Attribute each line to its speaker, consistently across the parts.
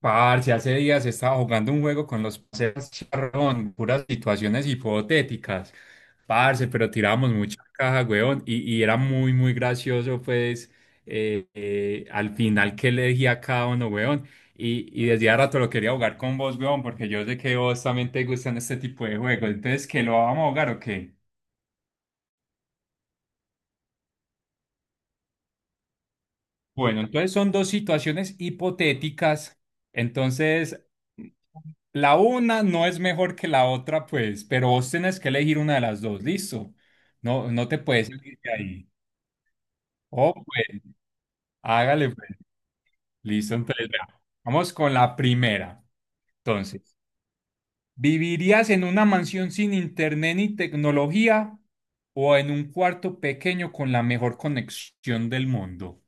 Speaker 1: Parce, hace días estaba jugando un juego con los parceros charrón, puras situaciones hipotéticas. Parce, pero tirábamos mucha caja, weón, y era muy, muy gracioso, pues, al final que elegía cada uno, weón. Y desde hace rato lo quería jugar con vos, weón, porque yo sé que vos también te gustan este tipo de juegos. Entonces, ¿que lo vamos a jugar o qué? Bueno, entonces son dos situaciones hipotéticas. Entonces, la una no es mejor que la otra, pues, pero vos tenés que elegir una de las dos, listo. No, no te puedes salir de ahí. Oh, pues, hágale, pues. Listo, entonces, vea, vamos con la primera. Entonces, ¿vivirías en una mansión sin internet ni tecnología o en un cuarto pequeño con la mejor conexión del mundo?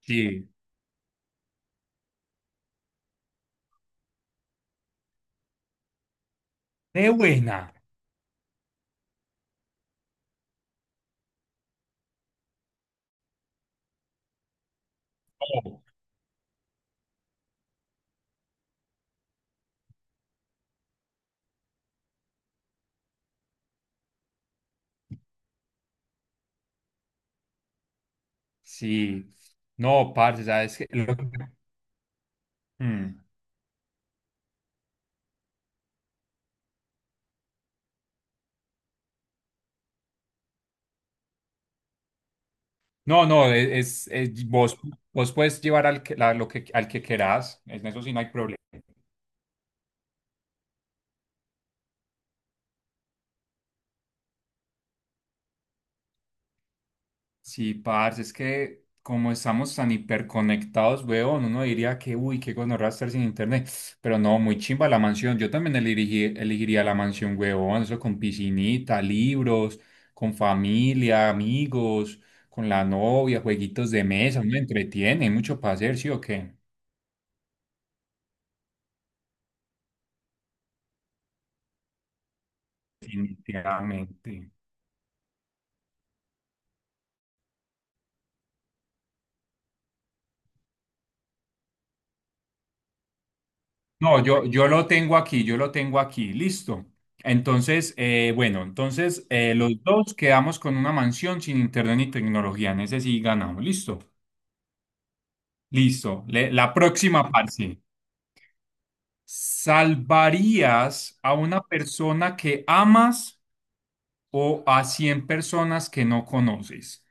Speaker 1: Sí. De buena. Oh, sí. No, parce, ¿sabes qué? Lo- Mm. No, no, e- es- vos, vos puedes llevar al que, la- lo que, al que querás, en eso sí no hay problema. Sí, parce, es que como estamos tan hiperconectados, weón, uno diría que, uy, qué gonorrea estar sin internet, pero no, muy chimba la mansión, yo también elegí- elegiría la mansión, weón, eso con piscinita, libros, con familia, amigos, con la novia, jueguitos de mesa, uno entretiene, hay mucho para hacer, ¿sí o qué? Definitivamente. No, yo lo tengo aquí, yo lo tengo aquí, listo. Entonces, bueno, entonces los dos quedamos con una mansión sin internet ni tecnología, en ese sí ganamos, listo. Listo. Le- la próxima parte. ¿Salvarías a una persona que amas o a 100 personas que no conoces?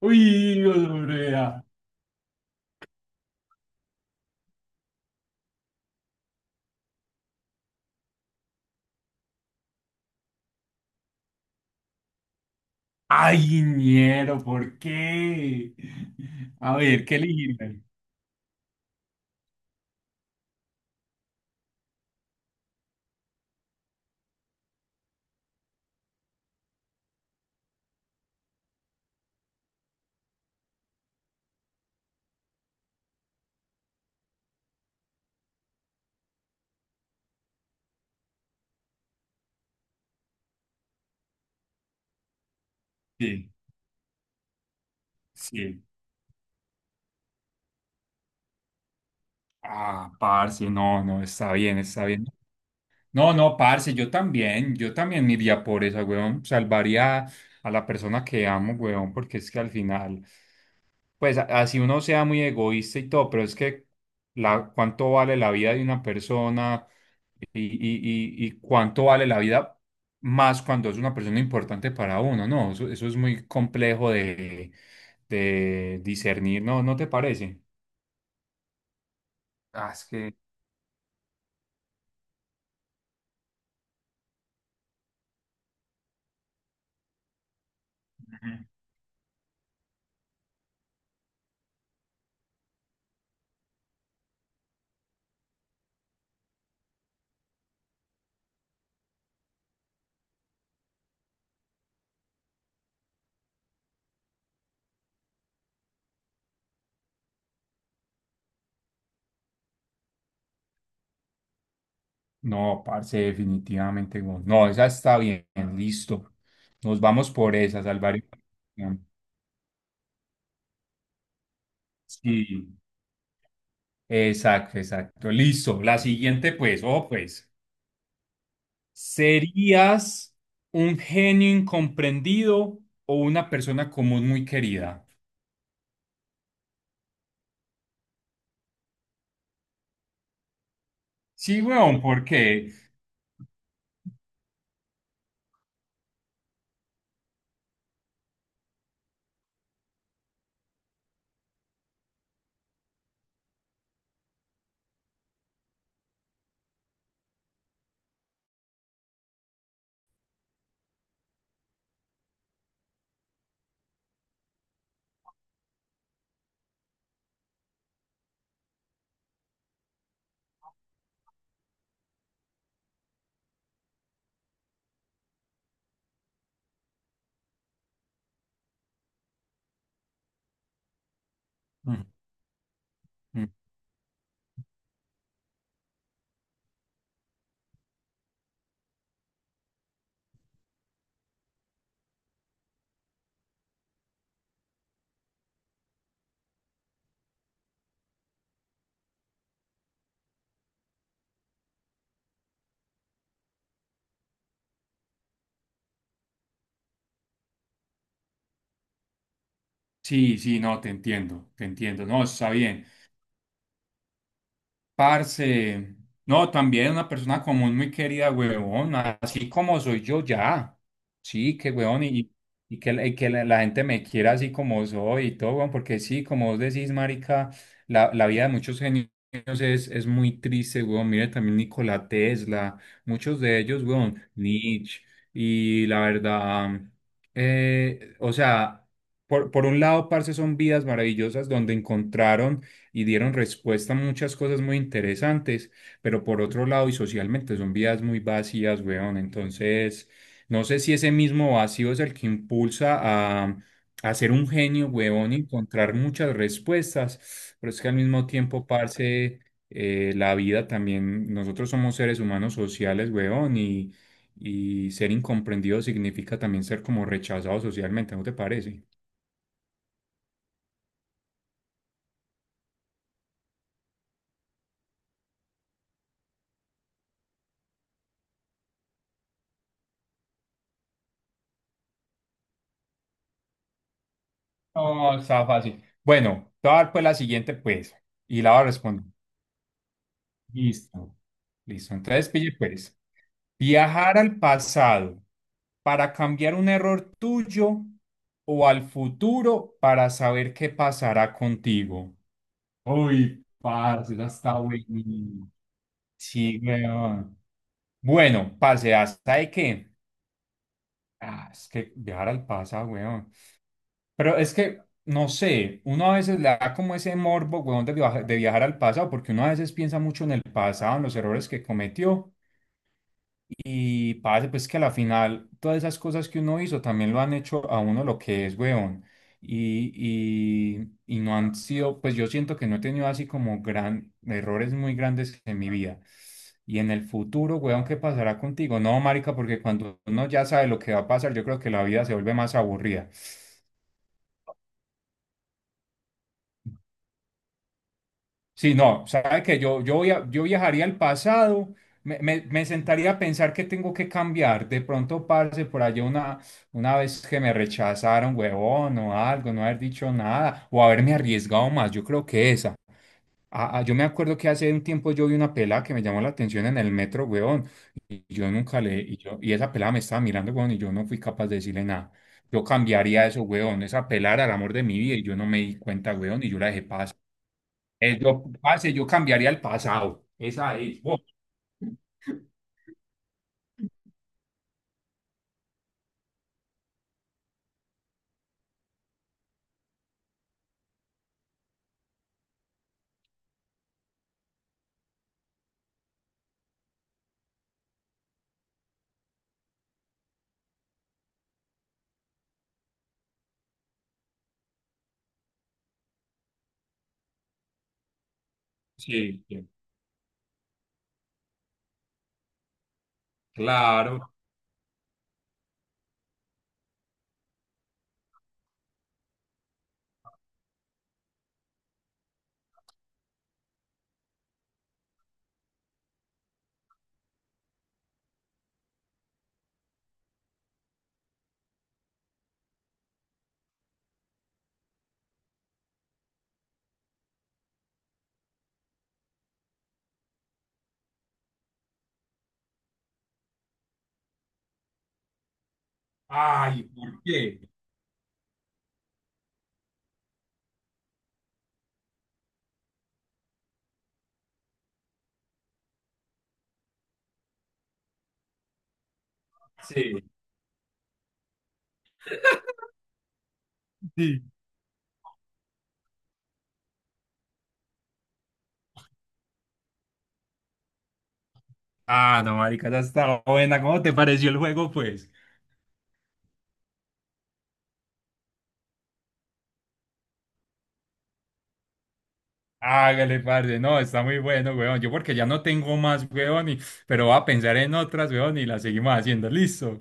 Speaker 1: Uy, Lorea. Ay, ñero, ¿por qué? A ver, ¿qué elegir? Sí, sí. Ah, parce, no, no, está bien, está bien. No, no, parce, yo también me iría por esa, weón. Salvaría a la persona que amo, weón, porque es que al final, pues a- así uno sea muy egoísta y todo, pero es que la, cuánto vale la vida de una persona y cuánto vale la vida más cuando es una persona importante para uno, ¿no? Eso es muy complejo de discernir, ¿no? ¿No te parece? Ah, es que... Ujú. No, parce, definitivamente. Güey. No, esa está bien, listo. Nos vamos por esa, salvar. Sí, exacto, exacto. Listo. La siguiente, pues, oh, pues, ¿serías un genio incomprendido o una persona común muy querida? Sí, weón, porque. Mm, mm. Sí, sí, no, te entiendo, te entiendo. No, está bien. Parce, no, también una persona común muy querida, huevón, así como soy yo ya. Sí, que huevón, la gente me quiera así como soy y todo, huevón, porque sí, como vos decís, marica, la vida de muchos genios es muy triste, huevón. Mire también Nikola Tesla, muchos de ellos, huevón, Nietzsche, y la verdad, o sea, por un lado, parce, son vidas maravillosas donde encontraron y dieron respuesta a muchas cosas muy interesantes, pero por otro lado y socialmente son vidas muy vacías, weón. Entonces, no sé si ese mismo vacío es el que impulsa a, a ser un genio, weón, y encontrar muchas respuestas, pero es que al mismo tiempo, parce, la vida también, nosotros somos seres humanos sociales, weón, y ser incomprendido significa también ser como rechazado socialmente, ¿no te parece? No, está fácil. Bueno, te voy a dar pues la siguiente, pues, y la voy a responder. Listo. Listo. Entonces, pille, pues, viajar al pasado para cambiar un error tuyo o al futuro para saber qué pasará contigo. Uy, parce, esa está buenísima. Sí, weón. Bueno, parce, ¿hasta de qué? Ah, es que viajar al pasado, weón. Pero es que, no sé, uno a veces le da como ese morbo, weón, de viaja- de viajar al pasado, porque uno a veces piensa mucho en el pasado, en los errores que cometió, y parece pues que a la final todas esas cosas que uno hizo también lo han hecho a uno lo que es, weón. Y no han sido, pues yo siento que no he tenido así como gran, errores muy grandes en mi vida. Y en el futuro, weón, ¿qué pasará contigo? No, marica, porque cuando uno ya sabe lo que va a pasar, yo creo que la vida se vuelve más aburrida. Sí, no, sabe que yo viajaría al pasado, me sentaría a pensar que tengo que cambiar. De pronto, parce, por allá una vez que me rechazaron, huevón, o algo, no haber dicho nada, o haberme arriesgado más. Yo creo que esa. Ah, ah, yo me acuerdo que hace un tiempo yo vi una pelada que me llamó la atención en el metro, huevón, y yo nunca le, y yo, y esa pelada me estaba mirando, huevón, y yo no fui capaz de decirle nada. Yo cambiaría eso, huevón, esa pelada era el amor de mi vida, y yo no me di cuenta, huevón, y yo la dejé pasar. Parce, yo cambiaría el pasado. Esa es. Oh, sí, sí, claro. Ay, ¿por qué? Sí, sí. Ah, no, marica, esa está buena. ¿Cómo te pareció el juego, pues? Hágale, parce. No, está muy bueno, weón. Yo porque ya no tengo más, weón, y- pero voy a pensar en otras, weón, y las seguimos haciendo. Listo.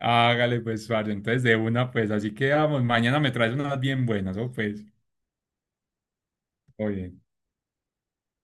Speaker 1: Hágale, pues, parce. Entonces, de una, pues, así quedamos. Mañana me traes unas bien buenas, ¿o pues? Oye.